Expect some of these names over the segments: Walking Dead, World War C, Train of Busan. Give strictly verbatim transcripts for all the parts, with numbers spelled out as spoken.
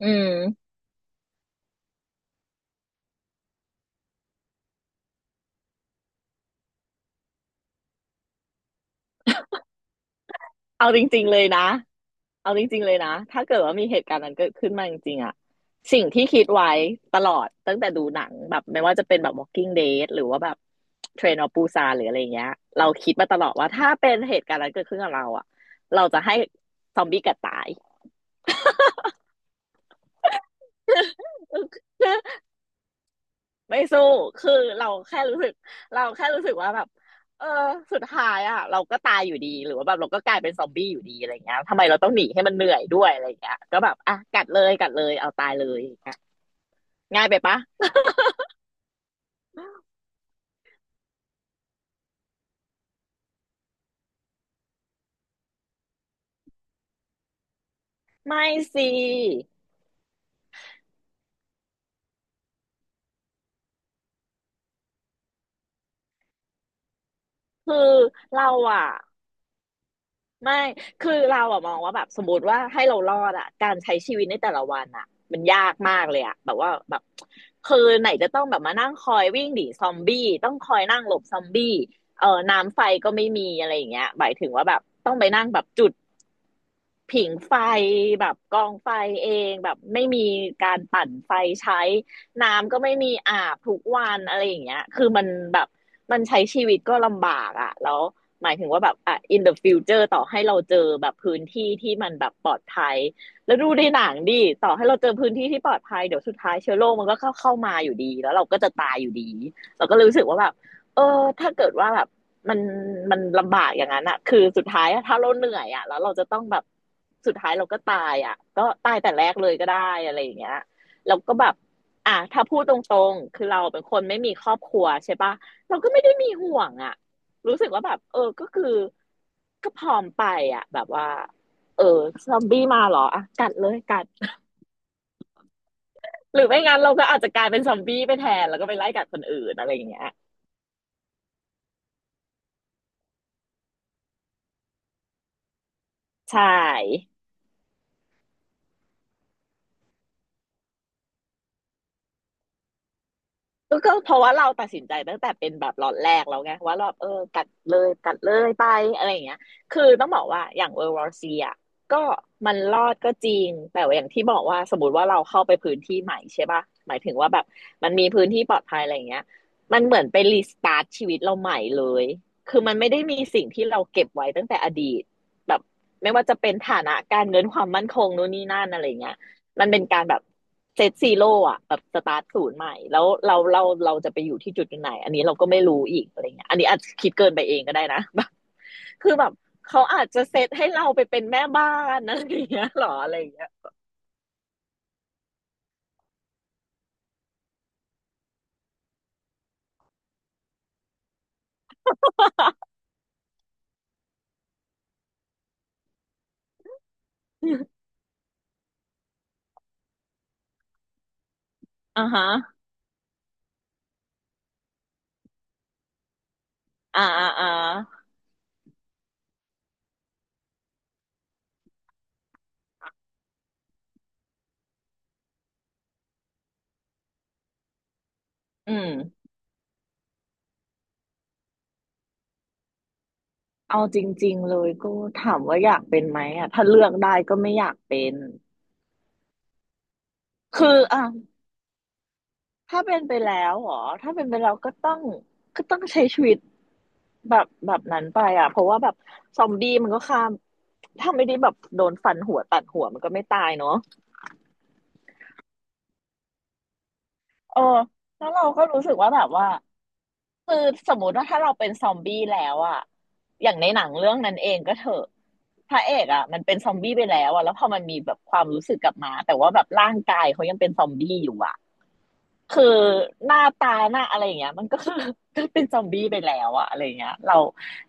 อืมเอาจริงๆเลยนะเอาจริงๆเลยนะ ถ้าเกิดว่ามีเหตุการณ์นั้นเกิดขึ้นมาจริงๆอะสิ่งที่คิดไว้ตลอดตั้งแต่ดูหนังแบบไม่ว่าจะเป็นแบบ Walking Dead หรือว่าแบบ Train of Busan หรืออะไรเงี้ยเราคิดมาตลอดว่าถ้าเป็นเหตุการณ์นั้นเกิดขึ้นกับเราอะเราจะให้ซอมบี้กัดตาย ไม่สู้ คือเราแค่รู้สึกเราแค่รู้สึกว่าแบบ เออ สุดท้ายอ่ะ เราก็ตายอยู่ดี หรือว่าแบบเราก็กลายเป็นซอมบี้อยู่ดีอะไรเงี้ยทำไมเราต้องหนีให้มันเหนื่อยด้วยอะไรเงี้ยก็แบบ อ่ะ กัดเลยกัดเลยเอาตายเลยอย่างเงี้ยง่ายไปปะ ไม่สิ คือเราอะ ไม่ คือเราอะมองว่าแบบสมมติว่าให้เรารอดอะการใช้ชีวิตในแต่ละวันอะมันยากมากเลยอะแบบว่าแบบคือไหนจะต้องแบบมานั่งคอยวิ่งหนีซอมบี้ต้องคอยนั่งหลบซอมบี้เออน้ำไฟก็ไม่มีอะไรอย่างเงี้ยหมายถึงว่าแบบต้องไปนั่งแบบจุด ผิงไฟแบบกองไฟเองแบบไม่มีการปั่นไฟใช้น้ำก็ไม่มีอาบทุกวันอะไรอย่างเงี้ยคือมันแบบมันใช้ชีวิตก็ลำบากอะแล้วหมายถึงว่าแบบอ่ะ in the future ต่อให้เราเจอแบบพื้นที่ที่มันแบบปลอดภัยแล้วดูในหนังดิต่อให้เราเจอพื้นที่ที่ปลอดภัยเดี๋ยวสุดท้ายเชื้อโรคมันก็เข้าเข้ามาอยู่ดีแล้วเราก็จะตายอยู่ดีเราก็ลรู้สึกว่าแบบเออถ้าเกิดว่าแบบ มันมันลำบากอย่างนั้นอะคือสุดท้ายถ้าเราเหนื่อยอะแล้วเราจะต้องแบบสุดท้ายเราก็ตายอะก็ตายแต่แรกเลยก็ได้อะไรอย่างเงี้ยแล้วก็แบบอ่ะถ้าพูดตรงๆคือเราเป็นคนไม่มีครอบครัวใช่ปะเราก็ไม่ได้มีห่วงอะรู้สึกว่าแบบเออก็คือก็พร้อมไปอะแบบว่าเออซอมบี้มาเหรออ่ะกัดเลยกัดหรือไม่งั้นเราก็อาจจะกลายเป็นซอมบี้ไปแทนแล้วก็ไปไล่กัดคนอื่นอะไรอย่างเงี้ยใช่ ก็ก็เพราะว่าเราตัดสินใจตั้งแต่เป็นแบบล็อตแรกแล้วไงว่าเราเออกัดเลยกัดเลยไปอะไรอย่างเงี้ยคือต้องบอกว่าอย่าง World War C อ่ะก็มันรอดก็จริงแต่ว่าอย่างที่บอกว่าสมมติว่าเราเข้าไปพื้นที่ใหม่ใช่ปะหมายถึงว่าแบบมันมีพื้นที่ปลอดภัยอะไรอย่างเงี้ยมันเหมือนไปรีสตาร์ทชีวิตเราใหม่เลยคือมันไม่ได้มีสิ่งที่เราเก็บไว้ตั้งแต่อดีตแบบไม่ว่าจะเป็นฐานะการเงินความมั่นคงนู่นนี่นั่นอะไรอย่างเงี้ย มันเป็นการแบบเซตซีโร่อะแบบสตาร์ทศูนย์ใหม่แล้วเราเราเราจะไปอยู่ที่จุดไหนอันนี้เราก็ไม่รู้อีกอะไรเงี้ยอันนี้อาจจะคิดเกินไปเองก็ได้นะ คือแบบเขาอาจจะเซตให้เราไปเป็นแม่บ้านอะไรเงี้ยหรออะไรเงี้ย อ่าฮะอ่าอ่าอ่าอืมเอาจริงๆเลยก็ถามว่าอยากเป็นไหมอ่ะถ้าเลือกได้ก็ไม่อยากเป็นคืออ่ะ ถ้าเป็นไปแล้วเหรอถ้าเป็นไปแล้วก็ต้องก็ต้องใช้ชีวิตแบบแบบนั้นไปอ่ะเพราะว่าแบบซอมบี้มันก็ฆ่าถ้าไม่ได้แบบโดนฟันหัวตัดหัวมันก็ไม่ตายเนาะเออแล้วเราก็รู้สึกว่าแบบว่าคือสมมติว่าถ้าเราเป็นซอมบี้แล้วอะอย่างในหนังเรื่องนั้นเองก็เถอะพระเอกอะมันเป็นซอมบี้ไปแล้วอะแล้วพอมันมีแบบความรู้สึกกลับมาแต่ว่าแบบร่างกายเขายังเป็นซอมบี้อยู่อะ คือหน้าตาหน้าอะไรอย่างเงี้ยมันก็คือ ก็เป็นซอมบี้ไปแล้วอะอะไรอย่างเงี้ยเรา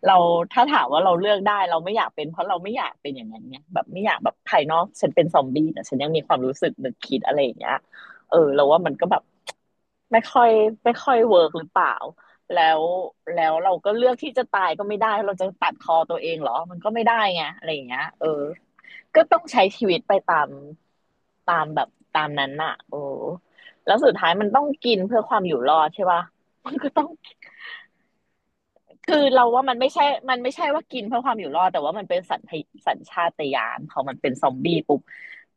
เราถ้าถามว่าเราเลือกได้เราไม่อยากเป็นเพราะเราไม่อยากเป็นอย่างนั้นเนี่ยแบบไม่อยากแบบภายนอกฉันเป็นซอมบี้แต่ฉันยังมีความรู้สึกนึกคิดอะไรอย่างเงี้ยเออเราว่ามันก็แบบ ไม่ค่อยไม่ค่อยเวิร์กหรือเปล่าแล้วแล้วเราก็เลือกที่จะตายก็ไม่ได้ เราจะตัดคอตัวเองเหรอ มันก็ไม่ได้ไง อะไรอย่างเงี้ยเออ ก็ต้องใช้ชีวิตไปตามตามแบบตามนั้นน่ะโอ้แล้วสุดท้ายมันต้องกินเพื่อความอยู่รอดใช่ป่ะมันก็ต้อง คือเราว่ามันไม่ใช่มันไม่ใช่ว่ากินเพื่อความอยู่รอดแต่ว่ามันเป็นสัญชาสัญชาตญาณพอมันเป็นซอมบี้ปุ๊บ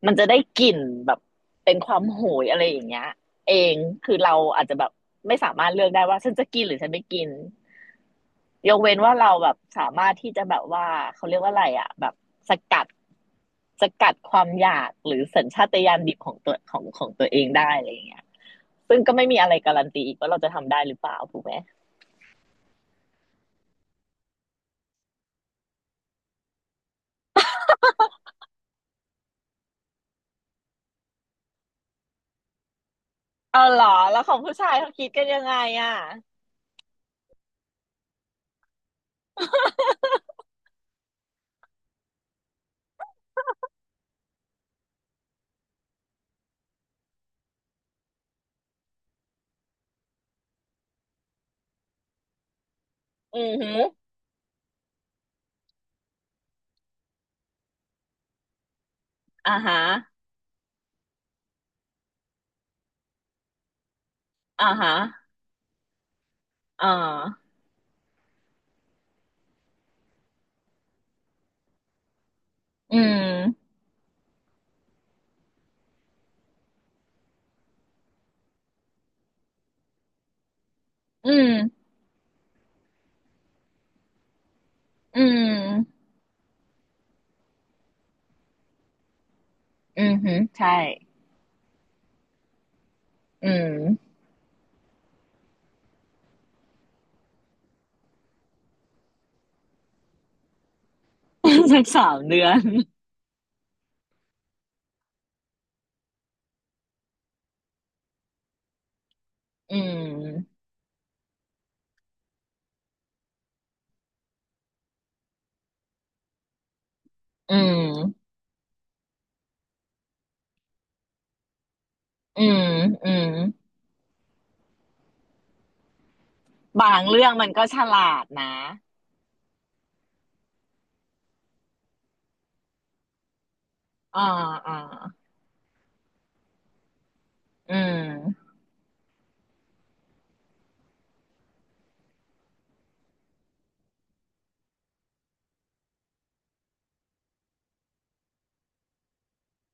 มันจะได้กลิ่นแบบเป็นความโหยอะไรอย่างเงี้ยเองคือเราอาจจะแบบไม่สามารถเลือกได้ว่าฉันจะกินหรือฉันไม่กินยกเว้นว่าเราแบบสามารถที่จะแบบว่าเขาเรียกว่าอะไรอ่ะแบบสกัดสกัดความอยากหรือสัญชาตญาณดิบของตัวของของตัวเองได้อะไรอย่างเงี้ยซึ่งก็ไม่มีอะไรการันตีอีกว่าเราจะทำได้หรือเปล่าถูกไหม เอาเหรอแล้วของผู้ชายเขาคิดกันยังไงอ่ะอือหืออ่าฮะอ่าฮะอ่าอืมอืมอืมอือหือใช่อืม สักสามเดือนอืมอืมอืมอืมบางเรื่องมันก็ฉลาดนะอ่าอ่าอืม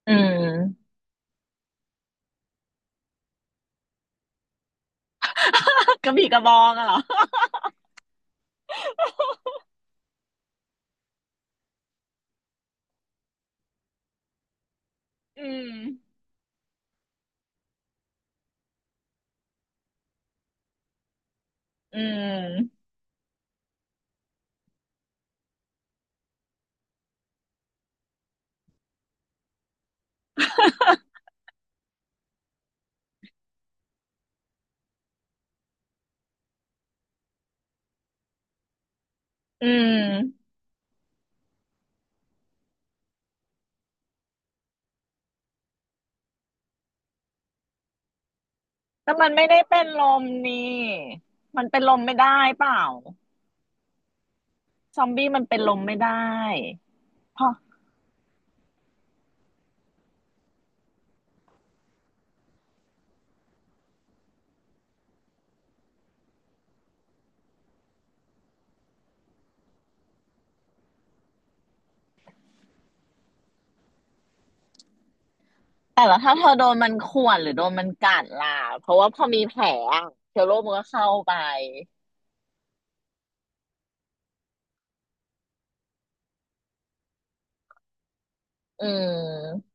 อืม กระบี่กระบองอะเหรออืมอืมอืม แต่มันไม่ได้เป็นลมนี่มันเป็นลมไม่ได้เปล่า ซอมบี้มันเป็นลมไม่ได้เพราะแต่ละถ้าเธอโดนมันข่วนหรือโดนมันกัดล่ะ เพราะว่าพอมีแผลอะเชื้อโรคมันก็เข้าไปอืม